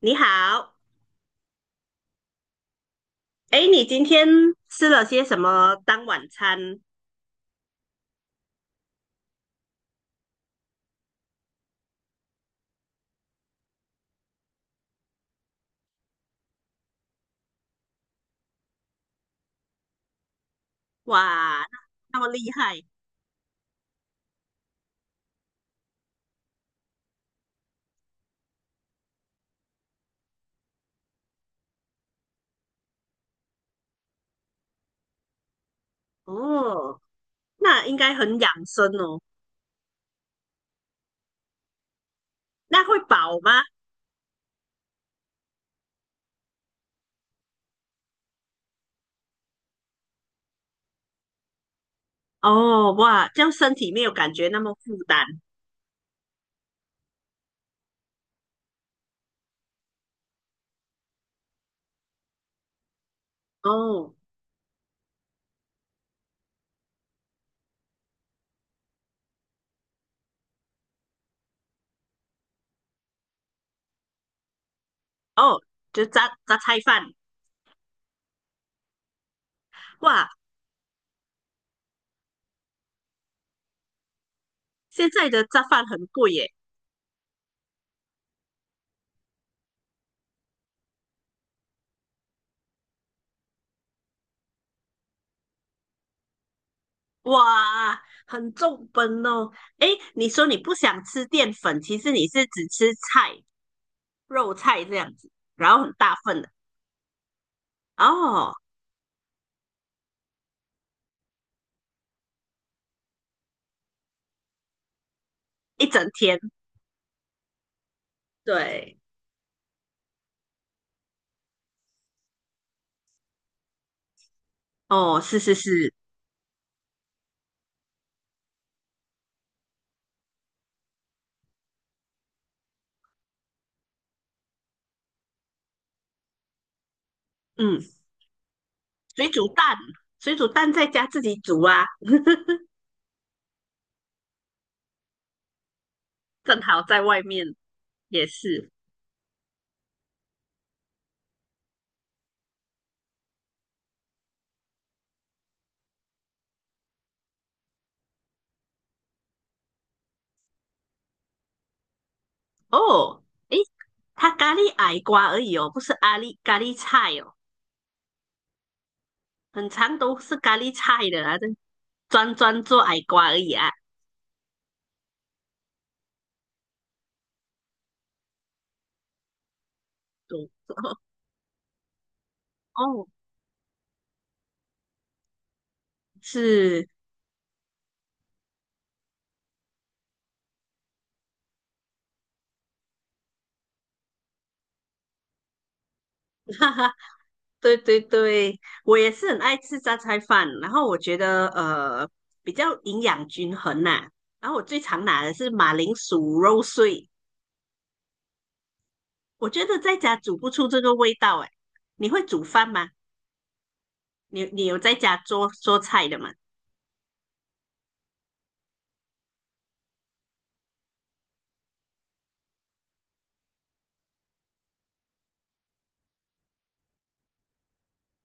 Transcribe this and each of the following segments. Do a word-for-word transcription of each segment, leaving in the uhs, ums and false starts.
你好，哎，你今天吃了些什么当晚餐？哇，那那么厉害哦，那应该很养生哦。那会饱吗？哦，哇，这样身体没有感觉那么负担哦。哦，就榨榨菜饭，哇，现在的榨饭很贵耶，哇，很重本哦。哎，你说你不想吃淀粉，其实你是只吃菜、肉菜这样子，然后很大份的哦，一整天。对，哦，是是是，嗯，水煮蛋，水煮蛋在家自己煮啊，正好在外面也是。哦，诶，它咖喱矮瓜而已哦，不是咖喱咖喱菜哦，很常都是咖喱菜的啊，这专专做矮瓜而已啊。对，哦，是，哈哈，对对对，我也是很爱吃榨菜饭，然后我觉得呃比较营养均衡呐、然后我最常拿的是马铃薯肉碎，我觉得在家煮不出这个味道哎。你会煮饭吗？你你有在家做做菜的吗？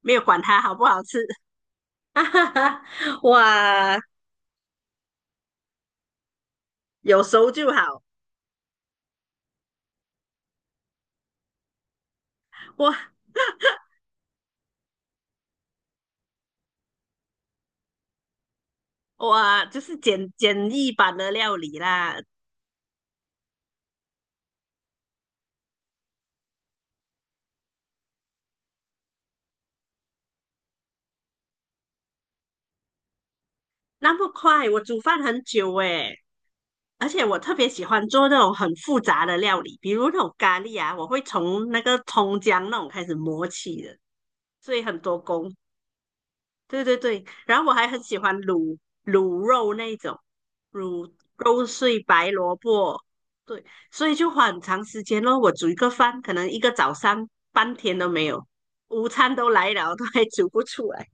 没有管它好不好吃，哈哈哈。哇，有熟就好。哇，哇，就是简简易版的料理啦。那么快，我煮饭很久诶，而且我特别喜欢做那种很复杂的料理，比如那种咖喱啊，我会从那个葱姜那种开始磨起的，所以很多工。对对对，然后我还很喜欢卤卤肉那一种，卤肉碎白萝卜，对，所以就花很长时间咯。我煮一个饭，可能一个早上半天都没有，午餐都来了，都还煮不出来。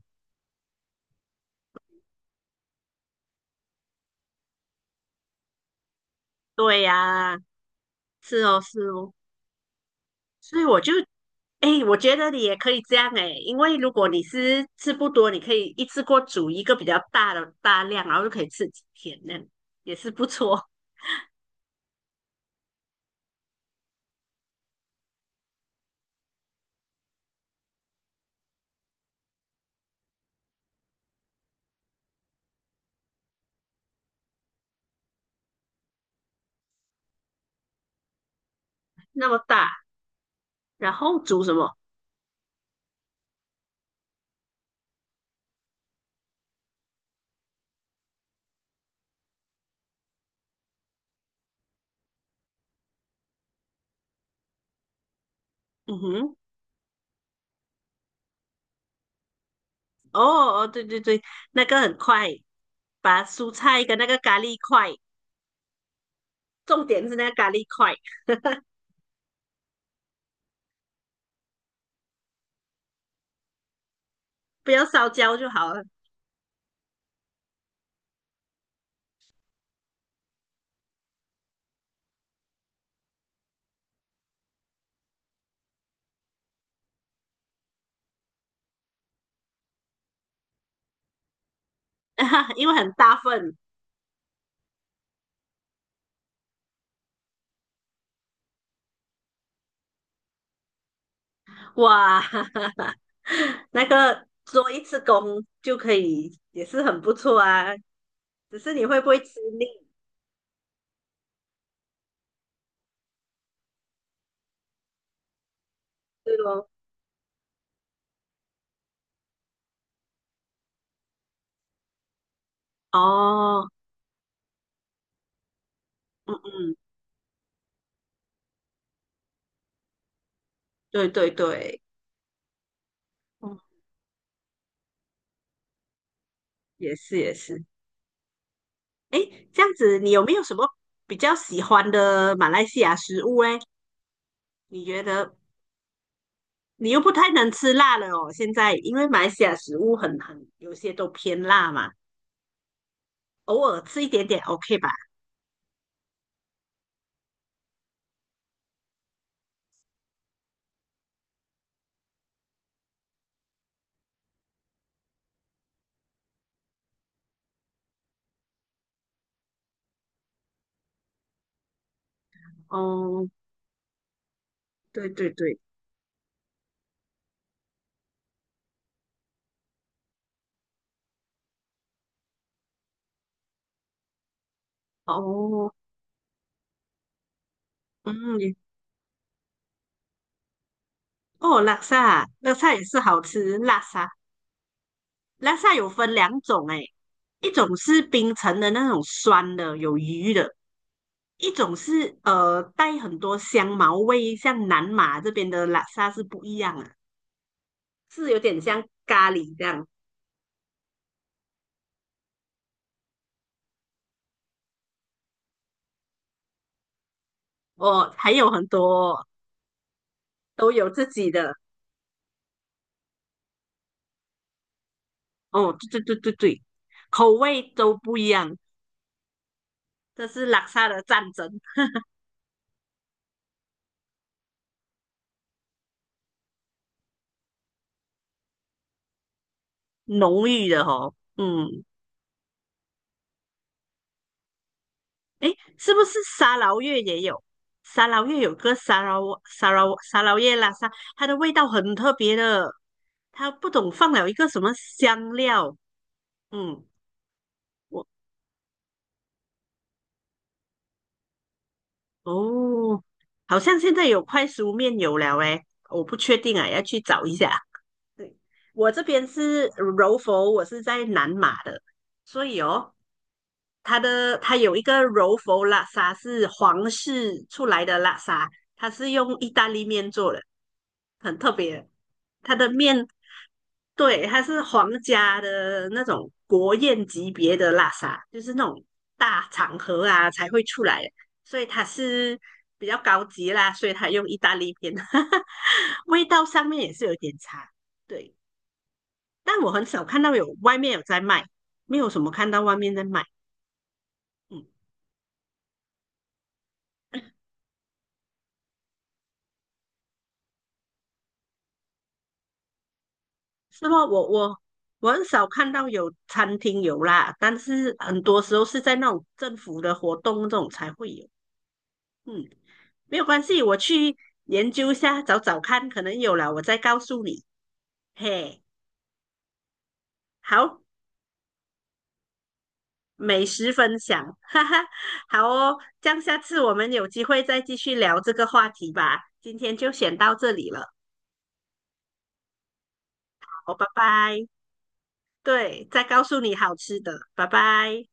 对呀、是哦是哦，所以我就，哎，我觉得你也可以这样哎，因为如果你是吃不多，你可以一次过煮一个比较大的大量，然后就可以吃几天，那样也是不错。那么大，然后煮什么？嗯哼。哦哦，对对对，那个很快，把蔬菜跟那个咖喱块，重点是那个咖喱块，不要烧焦就好了，因为很大份，哇，那个做一次工就可以，也是很不错啊。只是你会不会吃腻，对咯？哦，嗯嗯，对对对，嗯，也是也是。诶，这样子你有没有什么比较喜欢的马来西亚食物诶？你觉得？你又不太能吃辣了哦。现在因为马来西亚食物很很有些都偏辣嘛，偶尔吃一点点 O K 吧？哦，对对对，哦，嗯，也哦，拉萨拉萨也是好吃，拉萨拉萨有分两种诶，一种是冰城的那种酸的有鱼的，一种是呃带很多香茅味，像南马这边的拉萨是不一样的，是有点像咖喱这样哦，还有很多都有自己的。哦，对对对对对，口味都不一样，这是拉萨的战争，浓郁的哦。嗯，诶，是不是沙劳越也有？沙劳越有个沙劳沙劳沙劳越拉萨，它的味道很特别的，它不懂放了一个什么香料。嗯，我哦，好像现在有快熟面有了诶，我不确定啊，要去找一下。对，我这边是柔佛，我是在南马的，所以哦。它的它有一个柔佛拉沙是皇室出来的拉沙，它是用意大利面做的，很特别。它的面对它是皇家的那种国宴级别的拉沙，就是那种大场合啊才会出来的，所以它是比较高级啦，所以它用意大利面，味道上面也是有点差。对，但我很少看到有外面有在卖，没有什么看到外面在卖。嗯。是吗？我我我很少看到有餐厅有啦，但是很多时候是在那种政府的活动这种才会有。嗯，没有关系，我去研究一下，找找看，可能有了，我再告诉你。嘿，好，美食分享，哈哈，好哦，这样下次我们有机会再继续聊这个话题吧。今天就先到这里了，好，拜拜。对，再告诉你好吃的，拜拜。